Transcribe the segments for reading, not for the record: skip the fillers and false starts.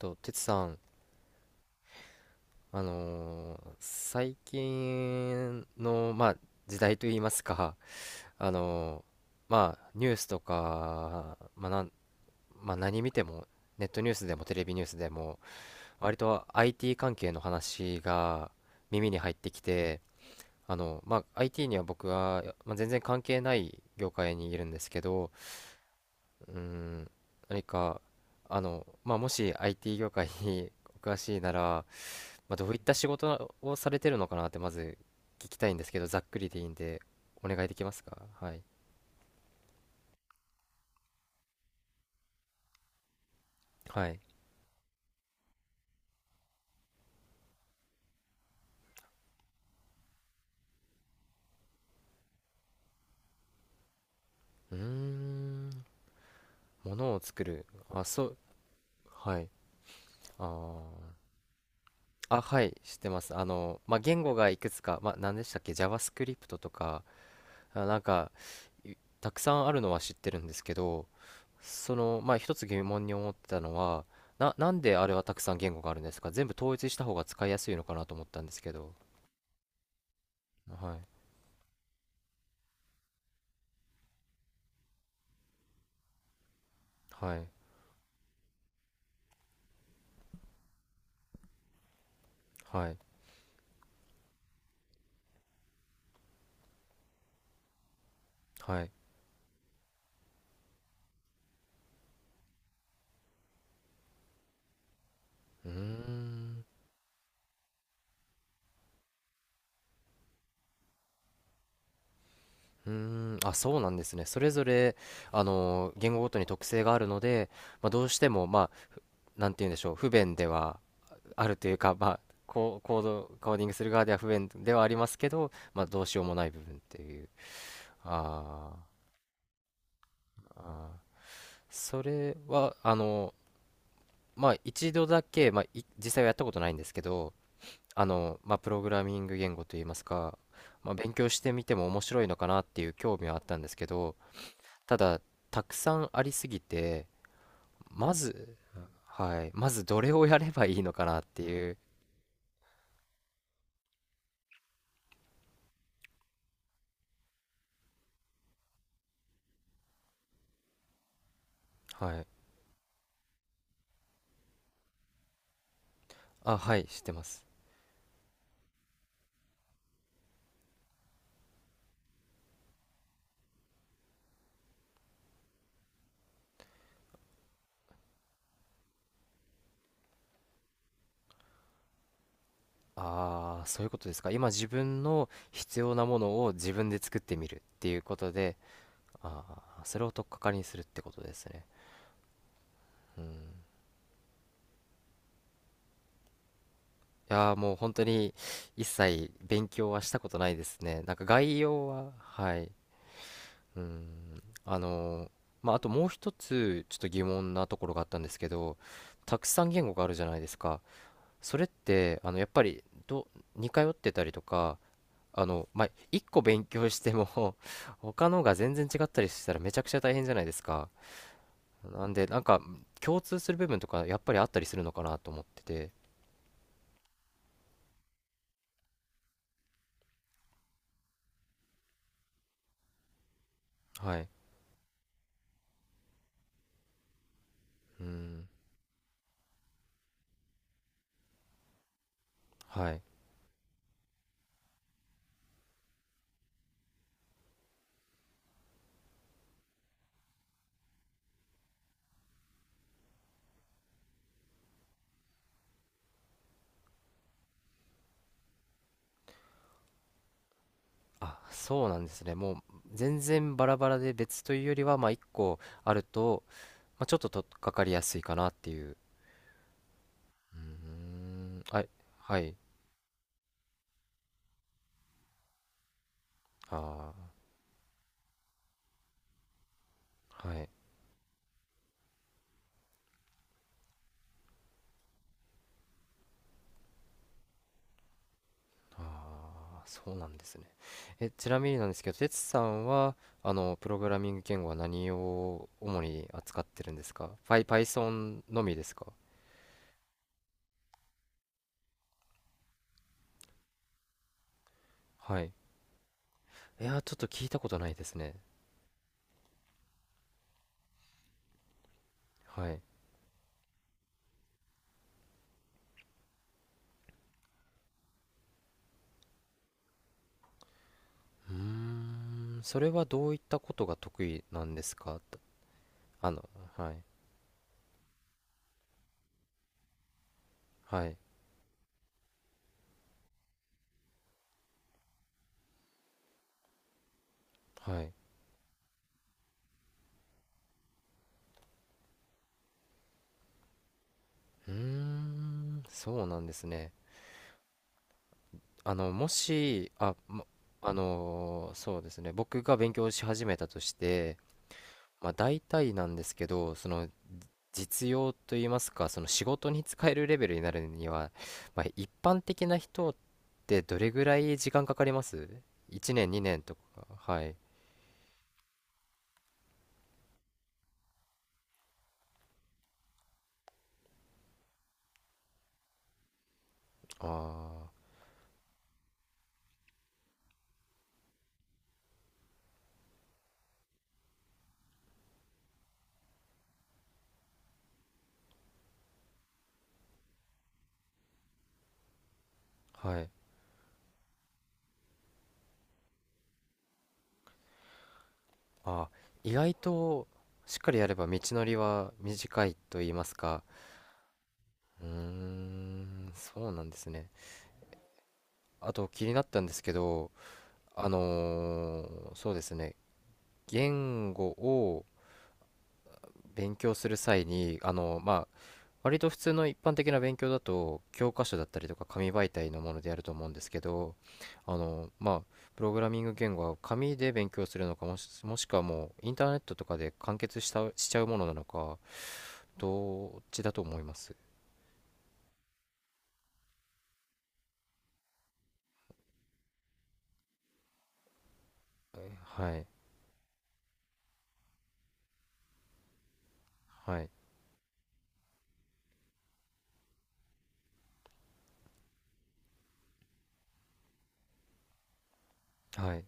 と、てつさん、最近の、まあ、時代といいますか、あのニュースとか、まあなんまあ、何見ても、ネットニュースでもテレビニュースでも、割と IT 関係の話が耳に入ってきて、まあ、IT には僕は、まあ、全然関係ない業界にいるんですけど、うーん、何か、まあ、もし IT 業界にお詳しいなら、まあ、どういった仕事をされてるのかなってまず聞きたいんですけど、ざっくりでいいんで、お願いできますか？はい。はい。うーん。物を作る。あ、そう。はい。ああ。あ、はい。知ってます。まあ、言語がいくつか、まあ、何でしたっけ？ JavaScript とか、なんか、いたくさんあるのは知ってるんですけど、その、まあ、一つ疑問に思ってたのは、なんであれはたくさん言語があるんですか？全部統一した方が使いやすいのかなと思ったんですけど。はい。はい。はい。はい。うーん。うーん。あ、そうなんですね。それぞれ、言語ごとに特性があるので、まあ、どうしても、まあ、なんて言うんでしょう、不便ではあるというか、まあ、コーディングする側では不便ではありますけど、まあ、どうしようもない部分っていう。あーあー。それは、まあ、一度だけ、まあ、実際はやったことないんですけど、まあ、プログラミング言語といいますか、まあ、勉強してみても面白いのかなっていう興味はあったんですけど、ただたくさんありすぎて、まず、はい、まずどれをやればいいのかなっていう。はい。あ、はい、知ってます。ああ、そういうことですか？今、自分の必要なものを自分で作ってみるっていうことで。ああ、それを取っかかりにするってことですね。うん。いやー、もう本当に一切勉強はしたことないですね。なんか、概要は。はい。うーん。あともう一つちょっと疑問なところがあったんですけど、たくさん言語があるじゃないですか。それって、やっぱり、似通ってたりとか、まあ、一個勉強しても 他のが全然違ったりしたらめちゃくちゃ大変じゃないですか。なんでなんか共通する部分とかやっぱりあったりするのかなと思ってて。はい。うん。はい。あ、そうなんですね。もう全然バラバラで別というよりは、まあ、一個あると、まあ、ちょっととっかかりやすいかなっていう。うーん、はい、はい、あー、はい。あー、そうなんですね。え、ちなみになんですけど、哲さんは、プログラミング言語は何を主に扱ってるんですか？Python のみですか？はい。いやー、ちょっと聞いたことないですね。はい。うーん、それはどういったことが得意なんですか？と、あの、はい、はい、はい。うーん、そうなんですね。あの、もし、あ、もあのーそうですね、僕が勉強し始めたとして、まあ、大体なんですけど、その、実用といいますか、その仕事に使えるレベルになるには、まあ、一般的な人ってどれぐらい時間かかります？ 1 年、2年とか。はい。ああ、はい。あー、意外と、しっかりやれば道のりは短いと言いますか。うーん、そうなんですね。あと気になったんですけど、そうですね、言語を勉強する際に、まあ、割と普通の一般的な勉強だと教科書だったりとか紙媒体のものでやると思うんですけど、まあ、プログラミング言語は紙で勉強するのか、もしくはもうインターネットとかで完結したしちゃうものなのか、どっちだと思います？はい、はい、はい。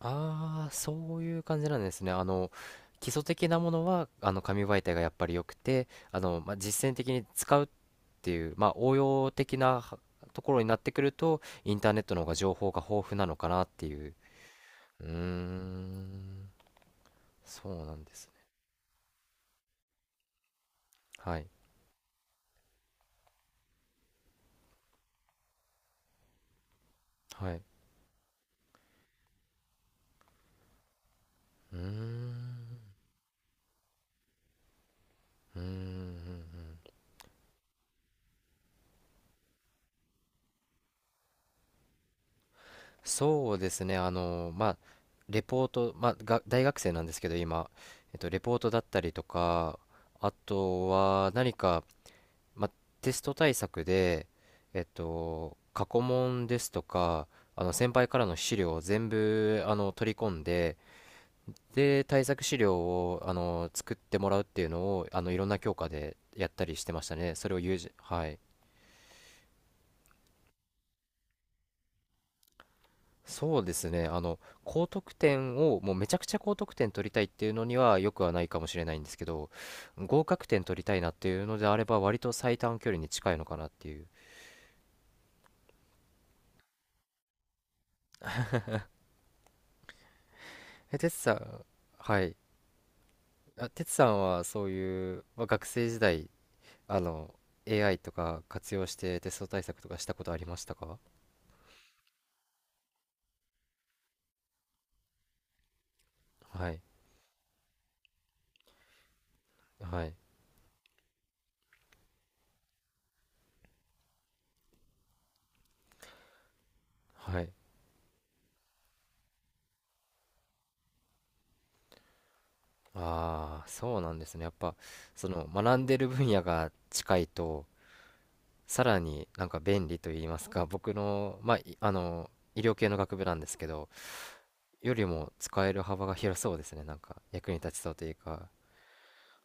ああ、そういう感じなんですね。基礎的なものは、紙媒体がやっぱり良くて、まあ、実践的に使うっていう、まあ、応用的なはところになってくると、インターネットの方が情報が豊富なのかなっていう。うーん、そうなんですね。はい、はい。うーん、うーん、うん、そうですね。まあ、レポート、まあ、が、大学生なんですけど、今、レポートだったりとか、あとは何か、まあ、テスト対策で、過去問ですとか、先輩からの資料を全部取り込んで、で、対策資料を作ってもらうっていうのをいろんな教科でやったりしてましたね。それを友人、はい。そうですね。高得点を、もうめちゃくちゃ高得点取りたいっていうのにはよくはないかもしれないんですけど、合格点取りたいなっていうのであれば、割と最短距離に近いのかなっていう。え、哲さん、はい。あ、てつさんはそういう、まあ、学生時代、あの、AI とか活用してテスト対策とかしたことありましたか？はい。はい。はい。ああ、そうなんですね。やっぱ、その、学んでる分野が近いと、さらになんか便利と言いますか、僕の、まあ、いあの、医療系の学部なんですけど、よりも使える幅が広そうですね。なんか、役に立ちそうというか。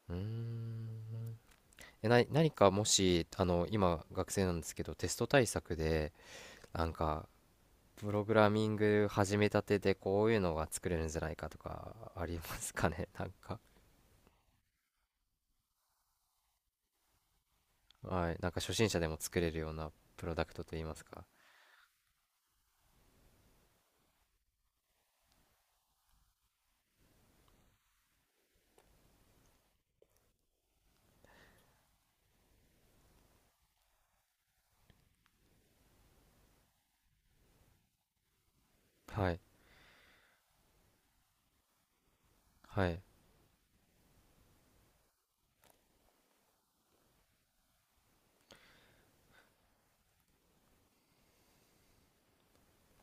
うーん。え、何かもし、今、学生なんですけど、テスト対策で、なんかプログラミング始めたてでこういうのが作れるんじゃないかとかありますかね？ なんか。はい、なんか初心者でも作れるようなプロダクトといいますか。はい、はい。